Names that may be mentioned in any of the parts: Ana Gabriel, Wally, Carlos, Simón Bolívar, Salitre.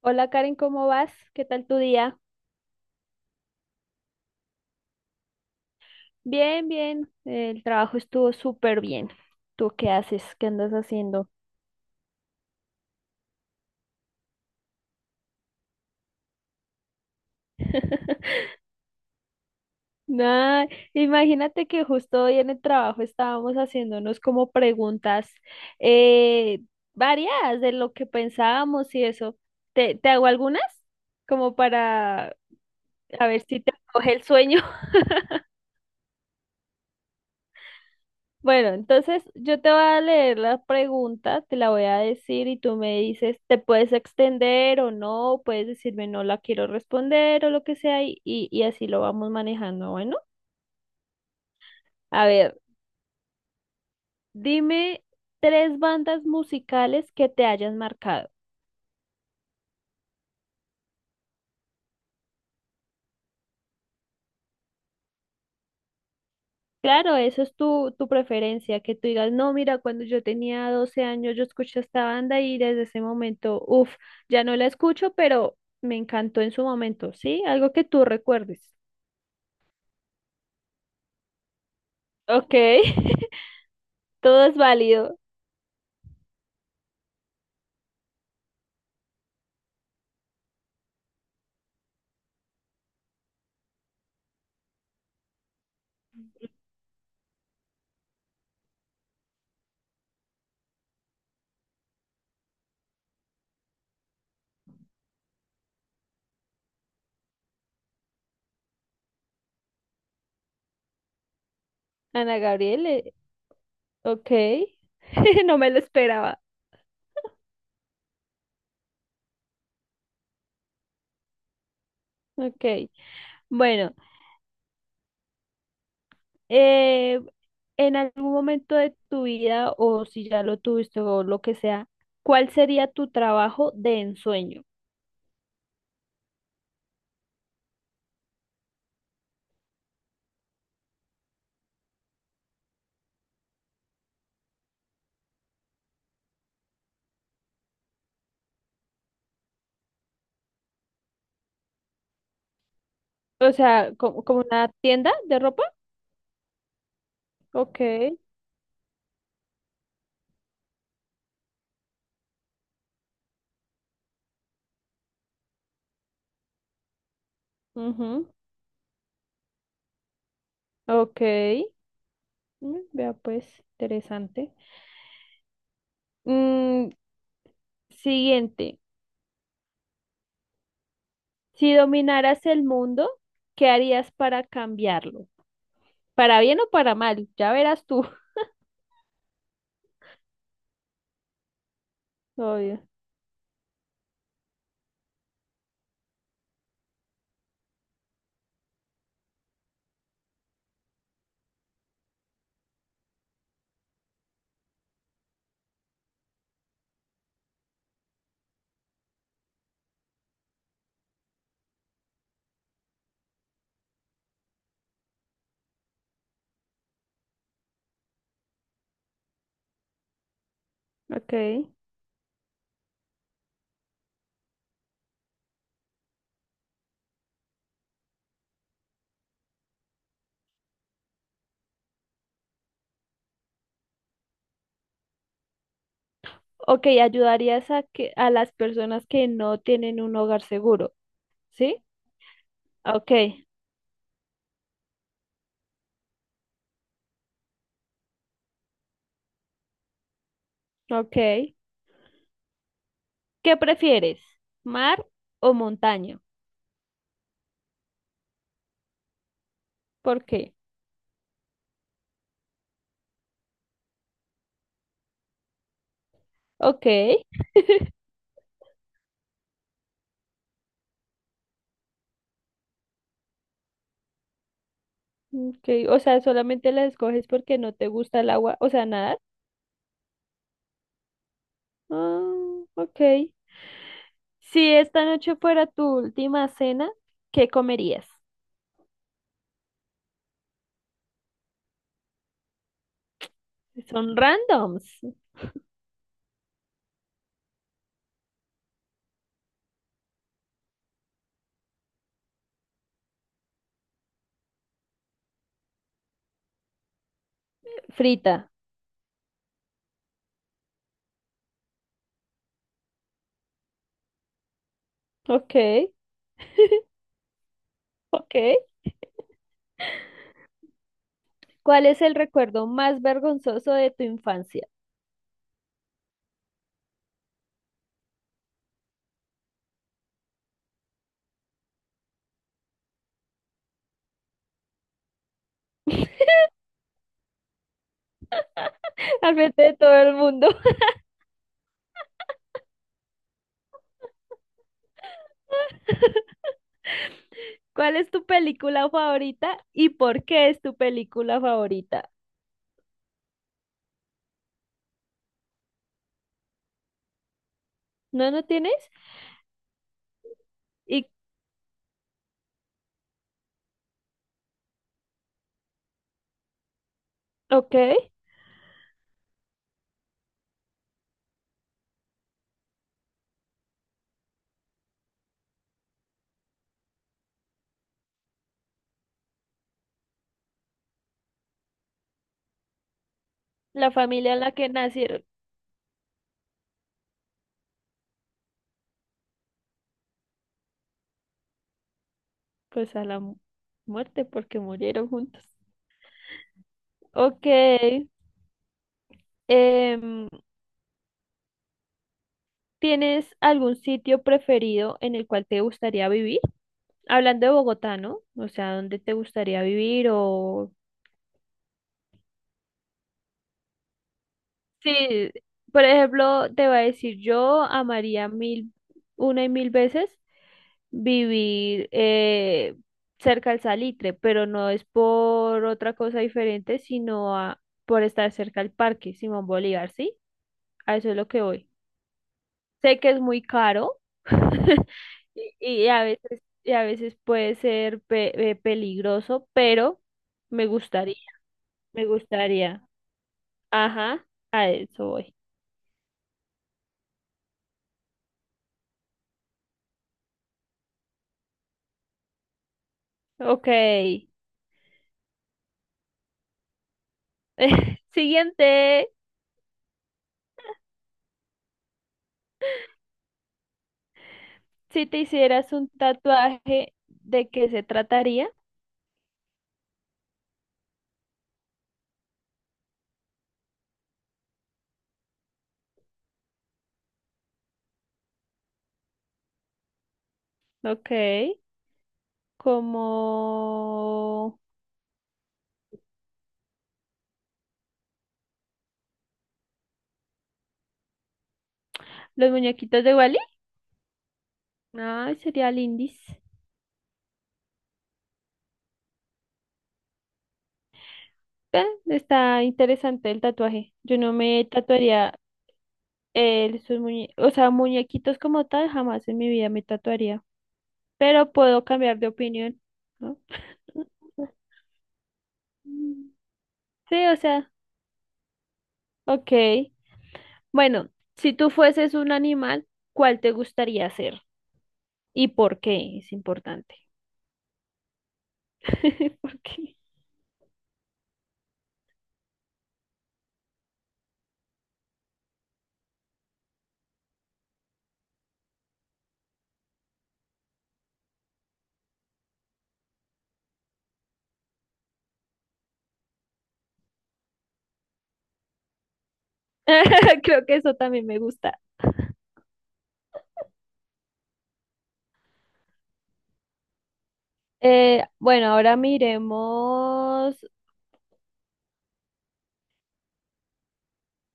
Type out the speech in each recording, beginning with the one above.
Hola Karen, ¿cómo vas? ¿Qué tal tu día? Bien, bien. El trabajo estuvo súper bien. ¿Tú qué haces? ¿Qué andas haciendo? Nah, imagínate que justo hoy en el trabajo estábamos haciéndonos como preguntas eh, variadas de lo que pensábamos y eso. ¿Te hago algunas? Como para a ver si te coge el sueño. Bueno, entonces yo te voy a leer la pregunta, te la voy a decir y tú me dices, te puedes extender o no, puedes decirme no la quiero responder o lo que sea y así lo vamos manejando. Bueno, a ver, dime tres bandas musicales que te hayan marcado. Claro, eso es tu preferencia, que tú digas, no, mira, cuando yo tenía 12 años yo escuché esta banda y desde ese momento, uff, ya no la escucho, pero me encantó en su momento, ¿sí? Algo que tú recuerdes. Ok, todo es válido. Ana Gabriel, ok. No me lo esperaba. Ok, bueno, eh, en algún momento de tu vida o si ya lo tuviste o lo que sea, ¿cuál sería tu trabajo de ensueño? O sea, ¿como, como una tienda de ropa? Ok, ujú, ok. Mm, vea pues, interesante. Mm, siguiente, si dominaras el mundo, ¿qué harías para cambiarlo? Para bien o para mal, ya verás tú. Obvio. Ok. Ok, ayudarías a que a las personas que no tienen un hogar seguro, ¿sí? Ok. Ok. ¿Qué prefieres? ¿Mar o montaña? ¿Por qué? Ok. Ok. O sea, solamente la escoges porque no te gusta el agua. O sea, nadar. Ah, ok. Si esta noche fuera tu última cena, ¿qué comerías? Son randoms. Frita. Ok. Ok. ¿Cuál es el recuerdo más vergonzoso de tu infancia? Al frente de todo el mundo. ¿Cuál es tu película favorita y por qué es tu película favorita? ¿No, no tienes? Y, ok, la familia en la que nacieron, pues a la muerte porque murieron juntos. Ok, em, ¿tienes algún sitio preferido en el cual te gustaría vivir? Hablando de Bogotá, ¿no? O sea, ¿dónde te gustaría vivir o sí, por ejemplo, te voy a decir, yo amaría mil, una y mil veces vivir cerca al salitre, pero no es por otra cosa diferente, sino por estar cerca al parque Simón Bolívar, ¿sí? A eso es lo que voy. Sé que es muy caro y a veces, y a veces puede ser peligroso, pero me gustaría, me gustaría. Ajá, a eso voy. Ok. Siguiente, si te hicieras un tatuaje, ¿de qué se trataría? Ok, como los muñequitos de Wally. Ay, sería lindis. Ve, está interesante el tatuaje. Yo no me tatuaría sus o sea, muñequitos como tal, jamás en mi vida me tatuaría. Pero puedo cambiar de opinión, ¿no? Sí, o sea, ok. Bueno, si tú fueses un animal, ¿cuál te gustaría ser? ¿Y por qué? Es importante. ¿Por qué? Creo que eso también me gusta. Bueno, ahora miremos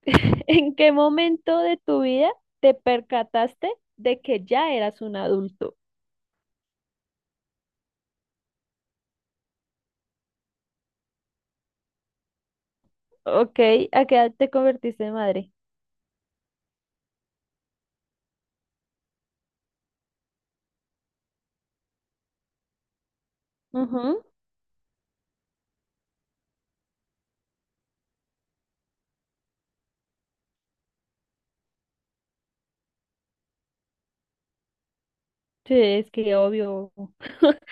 en qué momento de tu vida te percataste de que ya eras un adulto. Ok, ¿a qué edad te convertiste en madre? Ujú. Sí, es que obvio.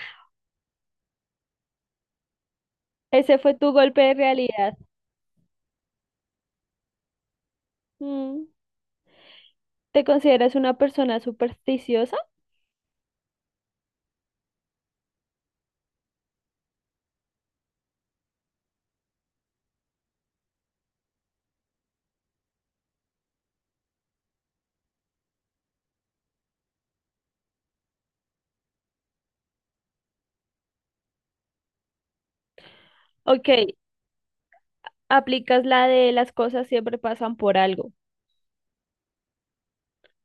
Ese fue tu golpe de realidad. Mm. ¿Te consideras una persona supersticiosa? Ok, aplicas la de las cosas siempre pasan por algo.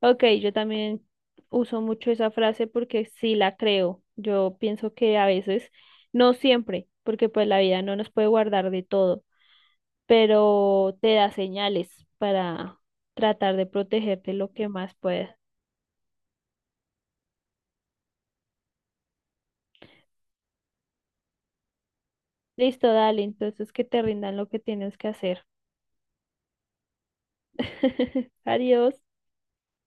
Ok, yo también uso mucho esa frase porque sí la creo. Yo pienso que a veces, no siempre, porque pues la vida no nos puede guardar de todo, pero te da señales para tratar de protegerte lo que más puedas. Listo, dale, entonces que te rindan lo que tienes que hacer. Adiós.